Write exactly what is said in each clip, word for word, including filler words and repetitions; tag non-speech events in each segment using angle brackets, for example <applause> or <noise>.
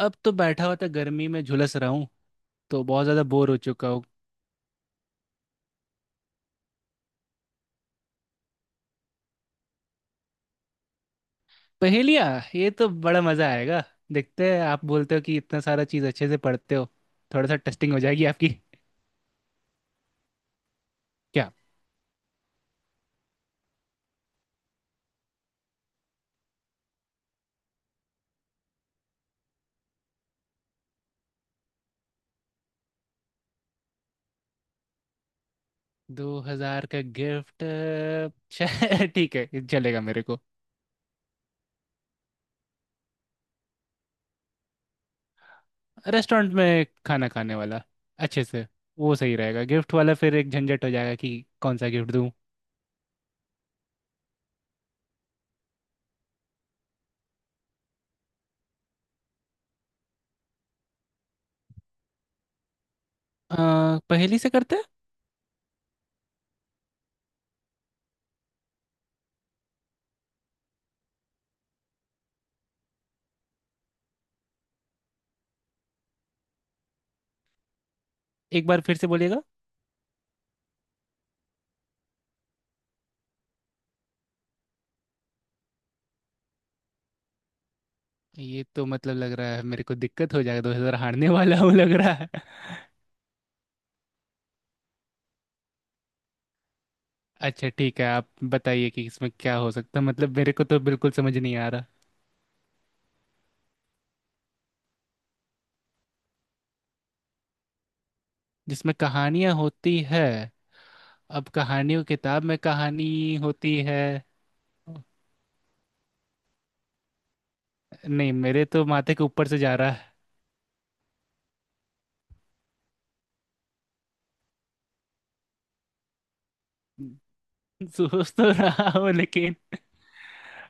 अब तो बैठा हुआ था, गर्मी में झुलस रहा हूँ। तो बहुत ज्यादा बोर हो चुका हूँ। पहेलियाँ। ये तो बड़ा मजा आएगा। देखते हैं आप बोलते हो कि इतना सारा चीज अच्छे से पढ़ते हो। थोड़ा सा टेस्टिंग हो जाएगी आपकी। क्या? दो हजार का गिफ्ट <laughs> ठीक है, ये चलेगा मेरे को। रेस्टोरेंट में खाना खाने वाला, अच्छे से। वो सही रहेगा गिफ्ट वाला, फिर एक झंझट हो जाएगा कि कौन सा गिफ्ट दूँ। अ, पहेली से करते हैं। एक बार फिर से बोलिएगा। ये तो मतलब लग रहा है मेरे को, दिक्कत हो जाएगा, दो हजार हारने वाला <laughs> हूँ लग रहा है। अच्छा ठीक है, आप बताइए कि इसमें क्या हो सकता है। मतलब मेरे को तो बिल्कुल समझ नहीं आ रहा। जिसमें कहानियां होती है। अब कहानियों किताब में कहानी होती है। नहीं, मेरे तो माथे के ऊपर से जा रहा है। सोच तो रहा हूँ लेकिन।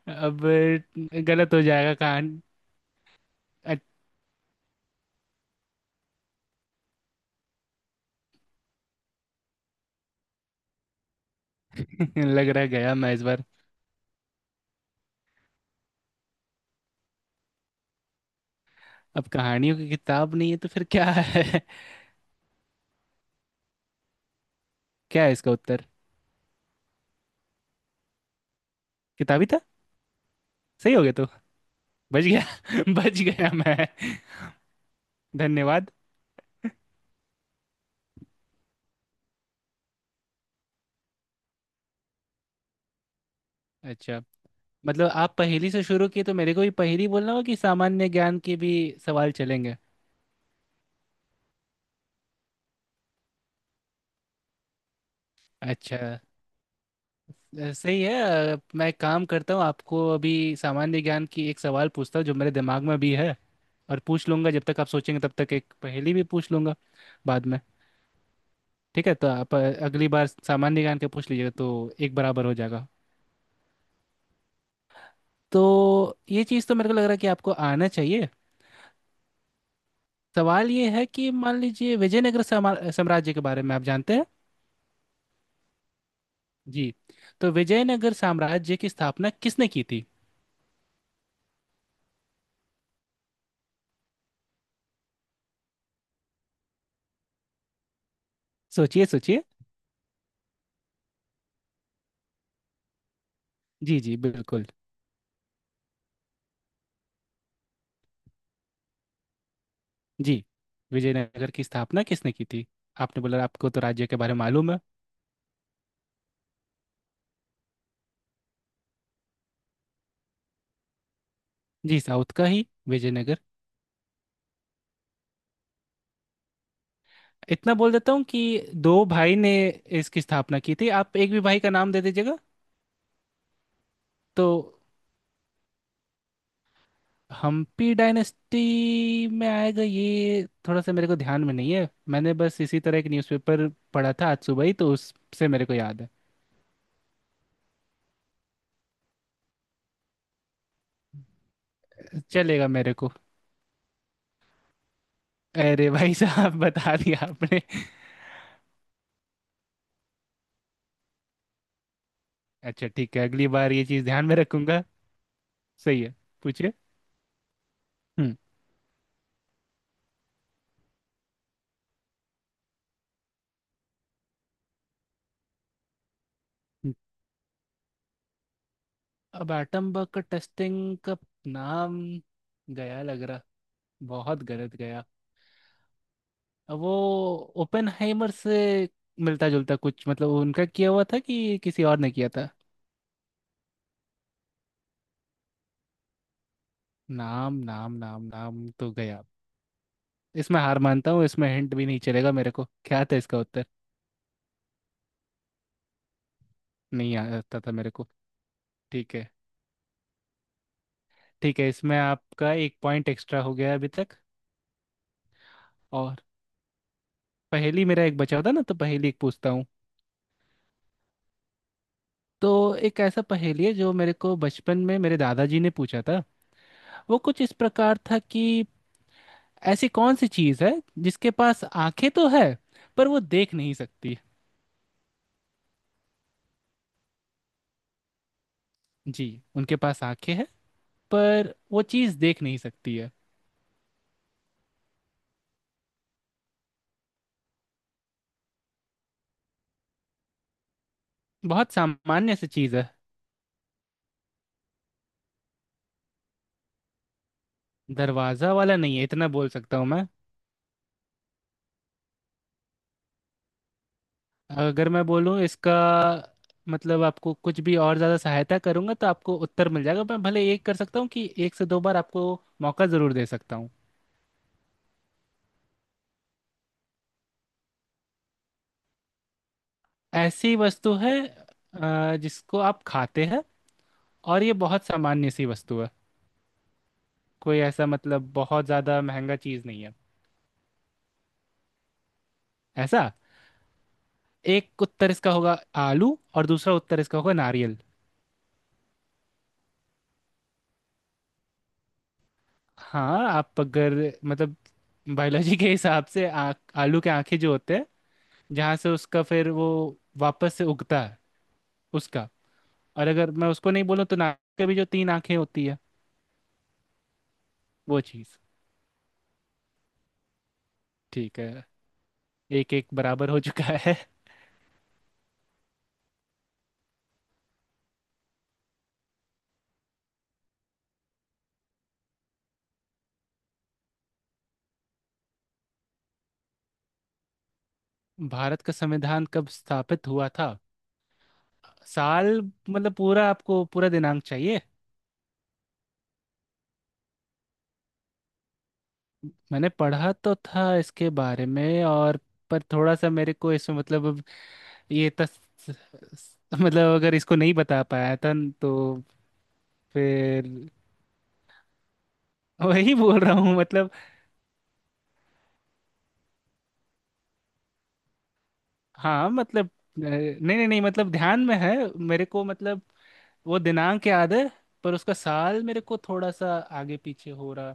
अब गलत हो जाएगा कहानी। अच्छा, <laughs> लग रहा है गया मैं इस बार। अब कहानियों की किताब नहीं है तो फिर क्या है। क्या है इसका उत्तर? किताबी था? सही हो गया तो? बच गया। <laughs> बच गया मैं। धन्यवाद। अच्छा। मतलब आप पहेली से शुरू किए तो मेरे को भी पहेली बोलना होगा, कि सामान्य ज्ञान के भी सवाल चलेंगे? अच्छा। अ, सही है। अ, मैं एक काम करता हूँ, आपको अभी सामान्य ज्ञान की एक सवाल पूछता हूँ जो मेरे दिमाग में भी है, और पूछ लूंगा। जब तक आप सोचेंगे, तब तक एक पहेली भी पूछ लूंगा बाद में। ठीक है, तो आप अ, अगली बार सामान्य ज्ञान का पूछ लीजिएगा, तो एक बराबर हो जाएगा। तो ये चीज़ तो मेरे को लग रहा है कि आपको आना चाहिए। सवाल ये है कि मान लीजिए विजयनगर समा- साम्राज्य के बारे में आप जानते हैं। जी। तो विजयनगर साम्राज्य की स्थापना किसने की थी? सोचिए, सोचिए। जी जी, बिल्कुल। जी। विजयनगर की स्थापना किसने की थी? आपने बोला आपको तो राज्य के बारे में मालूम है। जी, साउथ का ही विजयनगर। इतना बोल देता हूँ कि दो भाई ने इसकी स्थापना की थी। आप एक भी भाई का नाम दे दीजिएगा। तो हम्पी डायनेस्टी में आएगा, ये थोड़ा सा मेरे को ध्यान में नहीं है। मैंने बस इसी तरह एक न्यूज़पेपर पढ़ा था आज सुबह ही, तो उससे मेरे को याद है। चलेगा मेरे को। अरे भाई साहब, बता दिया आपने। अच्छा ठीक है, अगली बार ये चीज ध्यान में रखूंगा। सही है। पूछिए। हम्म हम्म। अब एटम बग का टेस्टिंग का नाम गया लग रहा। बहुत गलत गया। अब वो ओपेनहाइमर से मिलता जुलता कुछ, मतलब उनका किया हुआ था कि किसी और ने किया था। नाम नाम नाम नाम तो गया। इसमें हार मानता हूँ। इसमें हिंट भी नहीं चलेगा मेरे को, क्या था इसका उत्तर? नहीं आता था मेरे को। ठीक है, ठीक है। इसमें आपका एक पॉइंट एक्स्ट्रा हो गया अभी तक। और पहेली मेरा एक बचा था ना, तो पहेली एक पूछता हूँ। तो एक ऐसा पहेली है जो मेरे को बचपन में मेरे दादाजी ने पूछा था। वो कुछ इस प्रकार था कि ऐसी कौन सी चीज़ है जिसके पास आंखें तो है, पर वो देख नहीं सकती? जी। उनके पास आंखें हैं, पर वो चीज़ देख नहीं सकती है। बहुत सामान्य सी चीज़ है। दरवाज़ा वाला नहीं है, इतना बोल सकता हूँ मैं। अगर मैं बोलूँ इसका मतलब, आपको कुछ भी और ज़्यादा सहायता करूंगा तो आपको उत्तर मिल जाएगा। मैं भले एक कर सकता हूँ कि एक से दो बार आपको मौका ज़रूर दे सकता हूँ। ऐसी वस्तु है अ, जिसको आप खाते हैं, और ये बहुत सामान्य सी वस्तु है। कोई ऐसा मतलब बहुत ज़्यादा महंगा चीज़ नहीं है ऐसा। एक उत्तर इसका होगा आलू, और दूसरा उत्तर इसका होगा नारियल। हाँ, आप अगर मतलब बायोलॉजी के हिसाब से, आ, आलू के आंखें जो होते हैं, जहाँ से उसका फिर वो वापस से उगता है उसका। और अगर मैं उसको नहीं बोलूँ, तो नाक के भी जो तीन आंखें होती है वो चीज़। ठीक है, एक एक बराबर हो चुका है। भारत का संविधान कब स्थापित हुआ था? साल? मतलब पूरा आपको पूरा दिनांक चाहिए? मैंने पढ़ा तो था इसके बारे में, और पर थोड़ा सा मेरे को इसमें मतलब अब, ये तस मतलब, अगर इसको नहीं बता पाया था न, तो फिर, वही बोल रहा हूँ मतलब। हाँ, मतलब अ, नहीं नहीं नहीं, मतलब ध्यान में है मेरे को, मतलब वो दिनांक याद है, पर उसका साल मेरे को थोड़ा सा आगे पीछे हो रहा।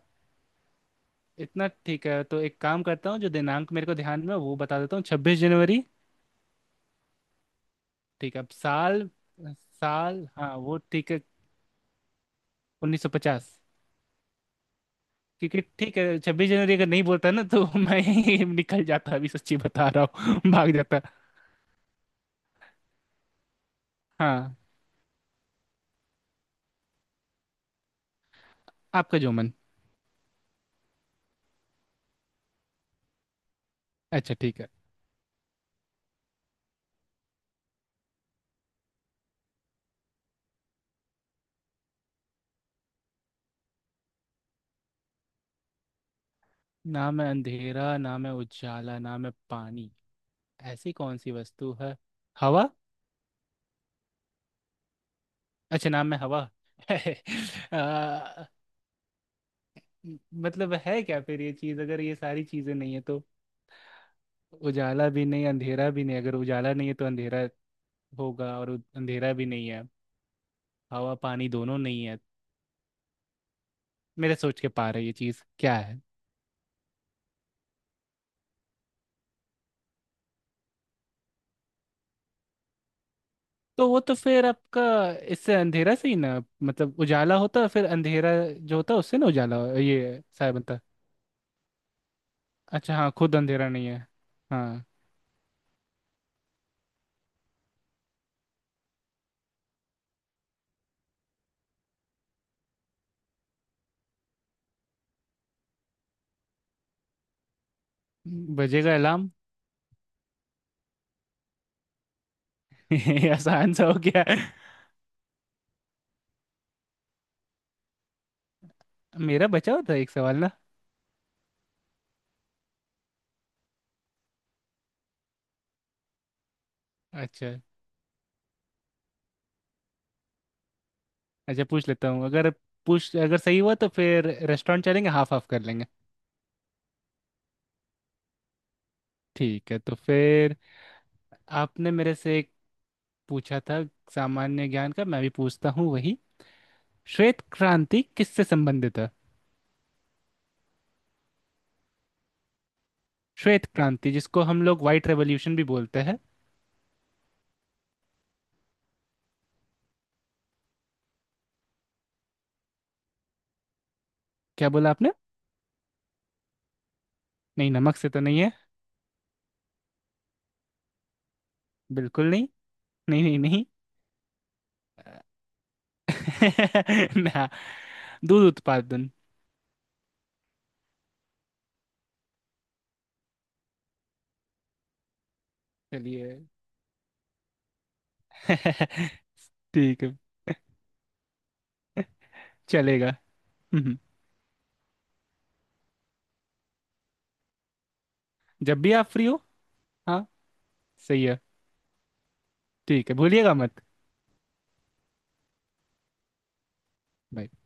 इतना ठीक है, तो एक काम करता हूँ, जो दिनांक मेरे को ध्यान में है, वो बता देता हूँ, छब्बीस जनवरी। ठीक है, अब साल। साल, हाँ वो ठीक है। उन्नीस सौ पचास। क्योंकि ठीक है, छब्बीस जनवरी अगर नहीं बोलता ना तो <laughs> मैं यहीं निकल जाता अभी, सच्ची बता रहा हूँ। <laughs> भाग जाता। हाँ। आपका जो मन। अच्छा ठीक है। ना मैं अंधेरा, ना मैं उजाला, ना मैं पानी। ऐसी कौन सी वस्तु है? हवा? अच्छा, नाम है हवा। <laughs> आ, मतलब है क्या फिर ये चीज, अगर ये सारी चीजें नहीं है तो? उजाला भी नहीं, अंधेरा भी नहीं। अगर उजाला नहीं है तो अंधेरा होगा, और उ- अंधेरा भी नहीं है, हवा पानी दोनों नहीं है। मेरे सोच के पार है, ये चीज क्या है? तो वो तो फिर आपका इससे अंधेरा से ही ना, मतलब उजाला होता, फिर अंधेरा जो होता उससे ना उजाला, ये साया बनता। अच्छा हाँ, खुद अंधेरा नहीं है। हाँ। बजेगा अलार्म। <laughs> ये आसान सा हो गया। मेरा बचा होता है एक सवाल ना। अच्छा। अच्छा, पूछ लेता हूँ। अगर पूछ, अगर सही हुआ तो फिर रेस्टोरेंट चलेंगे, हाफ हाफ कर लेंगे। ठीक है, तो फिर आपने मेरे से एक पूछा था सामान्य ज्ञान का, मैं भी पूछता हूँ वही। श्वेत क्रांति किससे संबंधित है? श्वेत क्रांति, जिसको हम लोग व्हाइट रेवोल्यूशन भी बोलते हैं। क्या बोला आपने? नहीं, नमक से तो नहीं है। बिल्कुल नहीं, नहीं नहीं नहीं। <laughs> ना। दूध उत्पादन। चलिए। <laughs> ठीक है। चलेगा। हम्म, जब भी आप फ्री हो। हाँ, सही है। ठीक है, भूलिएगा मत। Bye.